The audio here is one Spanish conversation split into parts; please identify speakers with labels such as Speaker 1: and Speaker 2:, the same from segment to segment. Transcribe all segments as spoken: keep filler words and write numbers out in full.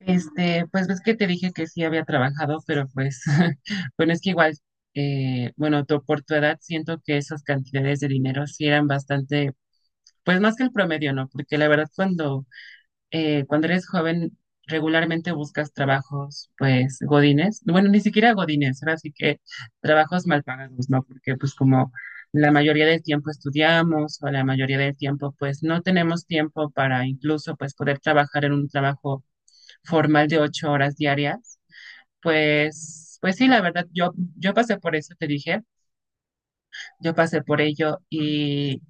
Speaker 1: Este, pues ves que te dije que sí había trabajado, pero pues, bueno, es que igual, eh, bueno, tu, por tu edad siento que esas cantidades de dinero sí eran bastante, pues más que el promedio, ¿no? Porque la verdad cuando, eh, cuando eres joven regularmente buscas trabajos, pues, godines, bueno, ni siquiera godines, ahora sí que trabajos mal pagados, ¿no? Porque pues como la mayoría del tiempo estudiamos o la mayoría del tiempo pues no tenemos tiempo para incluso pues poder trabajar en un trabajo formal de ocho horas diarias, pues, pues sí, la verdad, yo, yo pasé por eso, te dije, yo pasé por ello y,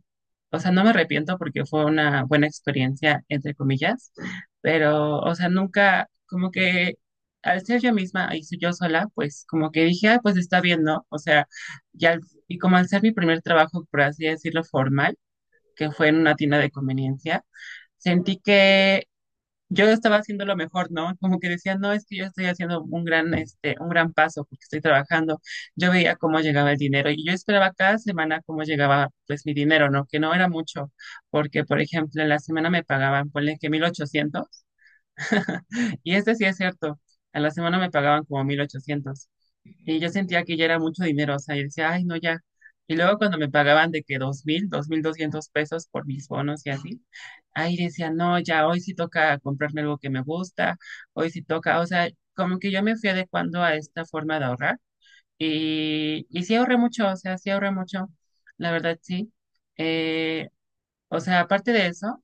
Speaker 1: o sea, no me arrepiento porque fue una buena experiencia, entre comillas, pero, o sea, nunca, como que al ser yo misma y ser yo sola, pues como que dije, ah, pues está bien, ¿no? O sea, ya, y como al ser mi primer trabajo, por así decirlo, formal, que fue en una tienda de conveniencia, sentí que yo estaba haciendo lo mejor, ¿no? Como que decía, no, es que yo estoy haciendo un gran, este, un gran paso porque estoy trabajando. Yo veía cómo llegaba el dinero y yo esperaba cada semana cómo llegaba, pues, mi dinero, ¿no? Que no era mucho, porque, por ejemplo, en la semana me pagaban, ponle que mil ochocientos. Y este sí es cierto. A la semana me pagaban como mil ochocientos. Y yo sentía que ya era mucho dinero. O sea, yo decía, ay, no, ya. Y luego cuando me pagaban de que dos dos mil dos mil doscientos pesos por mis bonos y así, ahí decía, no, ya, hoy sí toca comprarme algo que me gusta. Hoy sí toca. O sea, como que yo me fui adecuando a esta forma de ahorrar. Y, y sí ahorré mucho. O sea, sí ahorré mucho. La verdad, sí. Eh, o sea, aparte de eso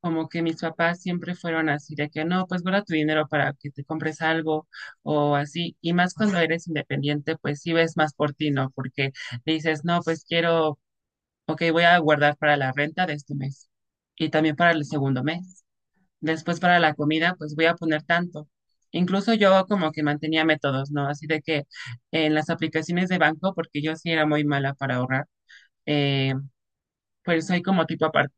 Speaker 1: como que mis papás siempre fueron así, de que no, pues guarda tu dinero para que te compres algo o así. Y más cuando eres independiente, pues sí ves más por ti, ¿no? Porque dices, no, pues quiero, ok, voy a guardar para la renta de este mes y también para el segundo mes. Después para la comida, pues voy a poner tanto. Incluso yo como que mantenía métodos, ¿no? Así de que en las aplicaciones de banco, porque yo sí era muy mala para ahorrar, eh, pues soy como tipo aparte.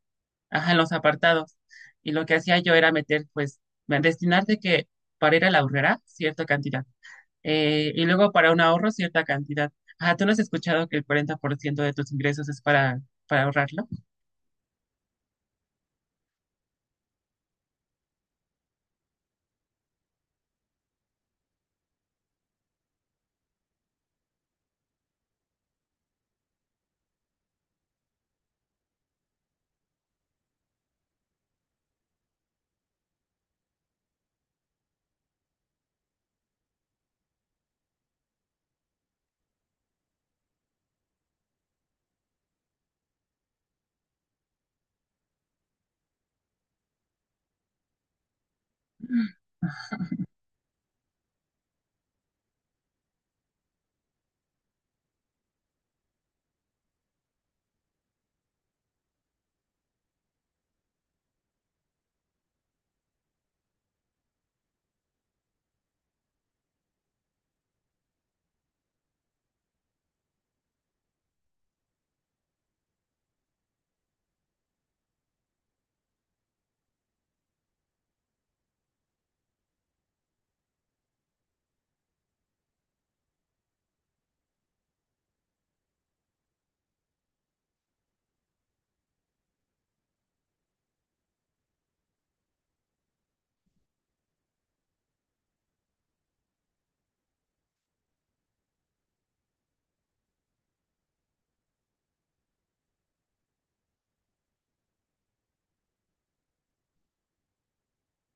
Speaker 1: Ajá, en los apartados. Y lo que hacía yo era meter, pues, me- destinar de que para ir a la ahorrera cierta cantidad. Eh, y luego para un ahorro cierta cantidad. Ajá, ¿tú no has escuchado que el cuarenta por ciento de tus ingresos es para, para ahorrarlo?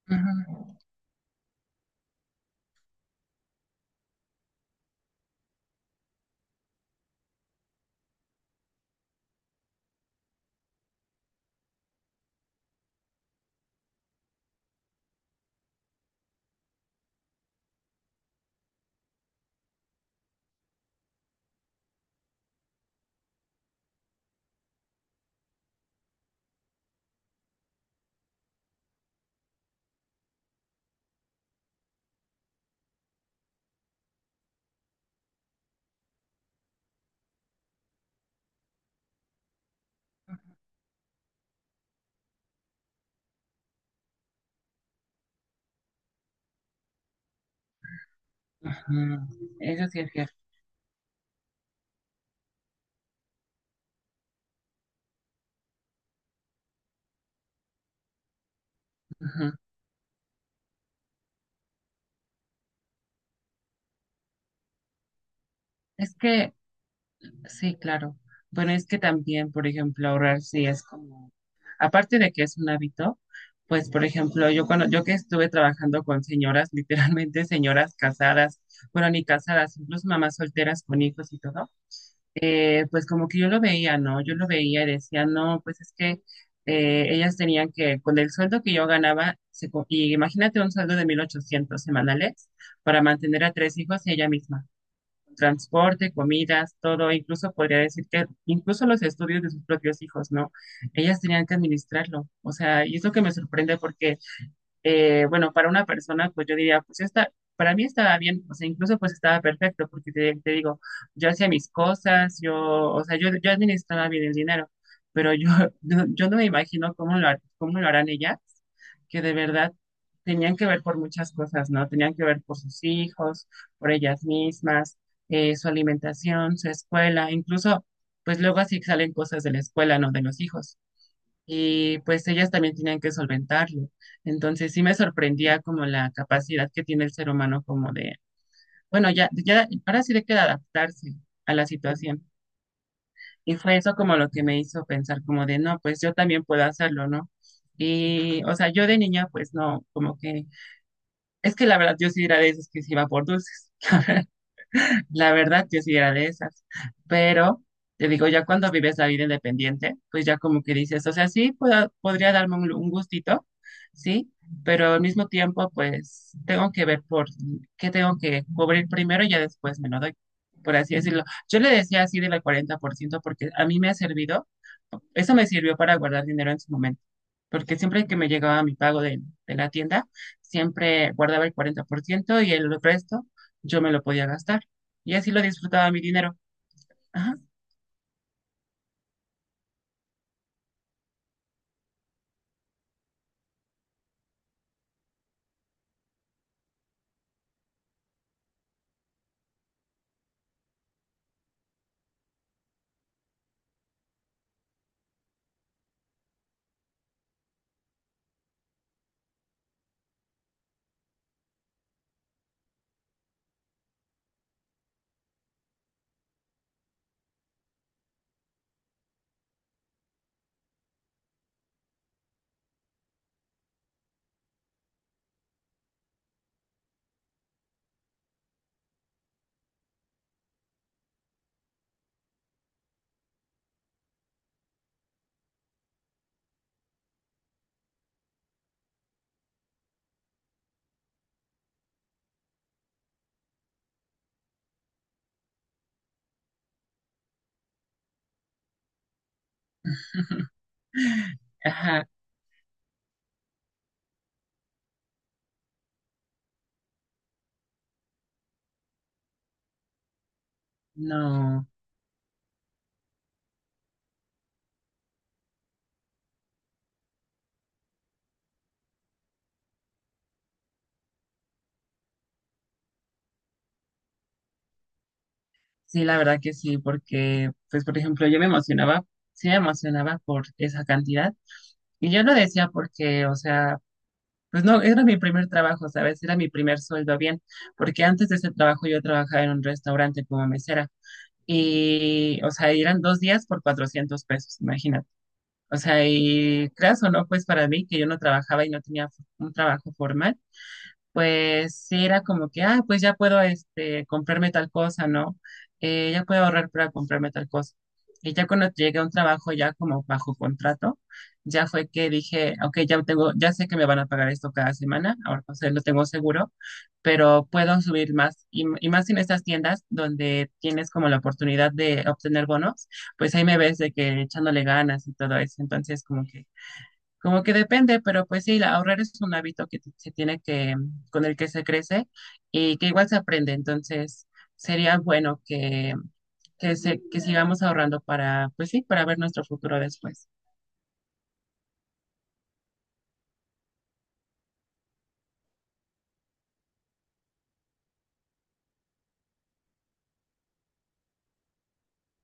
Speaker 1: Ujú, ujú. Eso sí es cierto. Ujú. Es que sí, claro. Bueno, es que también, por ejemplo, ahorrar sí es como, aparte de que es un hábito, pues, por ejemplo, yo cuando yo que estuve trabajando con señoras, literalmente señoras casadas, bueno, ni casadas, incluso mamás solteras con hijos y todo, eh, pues como que yo lo veía, ¿no? Yo lo veía y decía, no, pues es que eh, ellas tenían que, con el sueldo que yo ganaba, se co- y imagínate un sueldo de mil ochocientos semanales para mantener a tres hijos y ella misma, transporte, comidas, todo, e incluso podría decir que incluso los estudios de sus propios hijos, ¿no? Ellas tenían que administrarlo, o sea, y es lo que me sorprende porque eh, bueno, para una persona, pues yo diría, pues está, para mí estaba bien, o sea, incluso pues estaba perfecto, porque te, te digo, yo hacía mis cosas, yo, o sea, yo, yo administraba bien el dinero, pero yo, no- yo no me imagino cómo lo, har- cómo lo harán ellas, que de verdad tenían que ver por muchas cosas, ¿no? Tenían que ver por sus hijos, por ellas mismas, eh, su alimentación, su escuela, incluso, pues luego así salen cosas de la escuela, ¿no? De los hijos, y pues ellas también tenían que solventarlo. Entonces sí me sorprendía como la capacidad que tiene el ser humano como de, bueno, ya, ya, ahora sí de que adaptarse a la situación. Y fue eso como lo que me hizo pensar como de, no, pues yo también puedo hacerlo, ¿no? Y, o sea, yo de niña, pues no, como que, es que la verdad yo sí era de esos que se iba por dulces. La verdad, yo sí era de esas. Pero te digo, ya cuando vives la vida independiente, pues ya como que dices, o sea, sí, puedo- podría darme un, un gustito, sí, pero al mismo tiempo, pues tengo que ver por qué tengo que cubrir primero y ya después me lo doy, por así decirlo. Yo le decía así del cuarenta por ciento porque a mí me ha servido, eso me sirvió para guardar dinero en su momento. Porque siempre que me llegaba mi pago de, de la tienda, siempre guardaba el cuarenta por ciento y el resto yo me lo podía gastar. Y así lo disfrutaba mi dinero. Ajá. Ajá, no, sí, la verdad que sí, porque, pues, por ejemplo, yo me emocionaba, sí me emocionaba por esa cantidad, y yo lo decía porque, o sea, pues no, era mi primer trabajo, ¿sabes? Era mi primer sueldo bien, porque antes de ese trabajo yo trabajaba en un restaurante como mesera, y, o sea, eran dos días por cuatrocientos pesos, imagínate. O sea, y creas o no, pues para mí, que yo no trabajaba y no tenía un trabajo formal, pues sí era como que, ah, pues ya puedo este, comprarme tal cosa, ¿no? Eh, ya puedo ahorrar para comprarme tal cosa. Y ya cuando llegué a un trabajo ya como bajo contrato, ya fue que dije, ok, ya tengo, ya sé que me van a pagar esto cada semana, ahora o sea, lo tengo seguro, pero puedo subir más y, y más en estas tiendas donde tienes como la oportunidad de obtener bonos, pues ahí me ves de que echándole ganas y todo eso. Entonces, como que como que depende, pero pues sí, la- ahorrar es un hábito que se tiene que, con el que se crece y que igual se aprende. Entonces, sería bueno que, que, se, que sigamos ahorrando para, pues sí, para ver nuestro futuro después.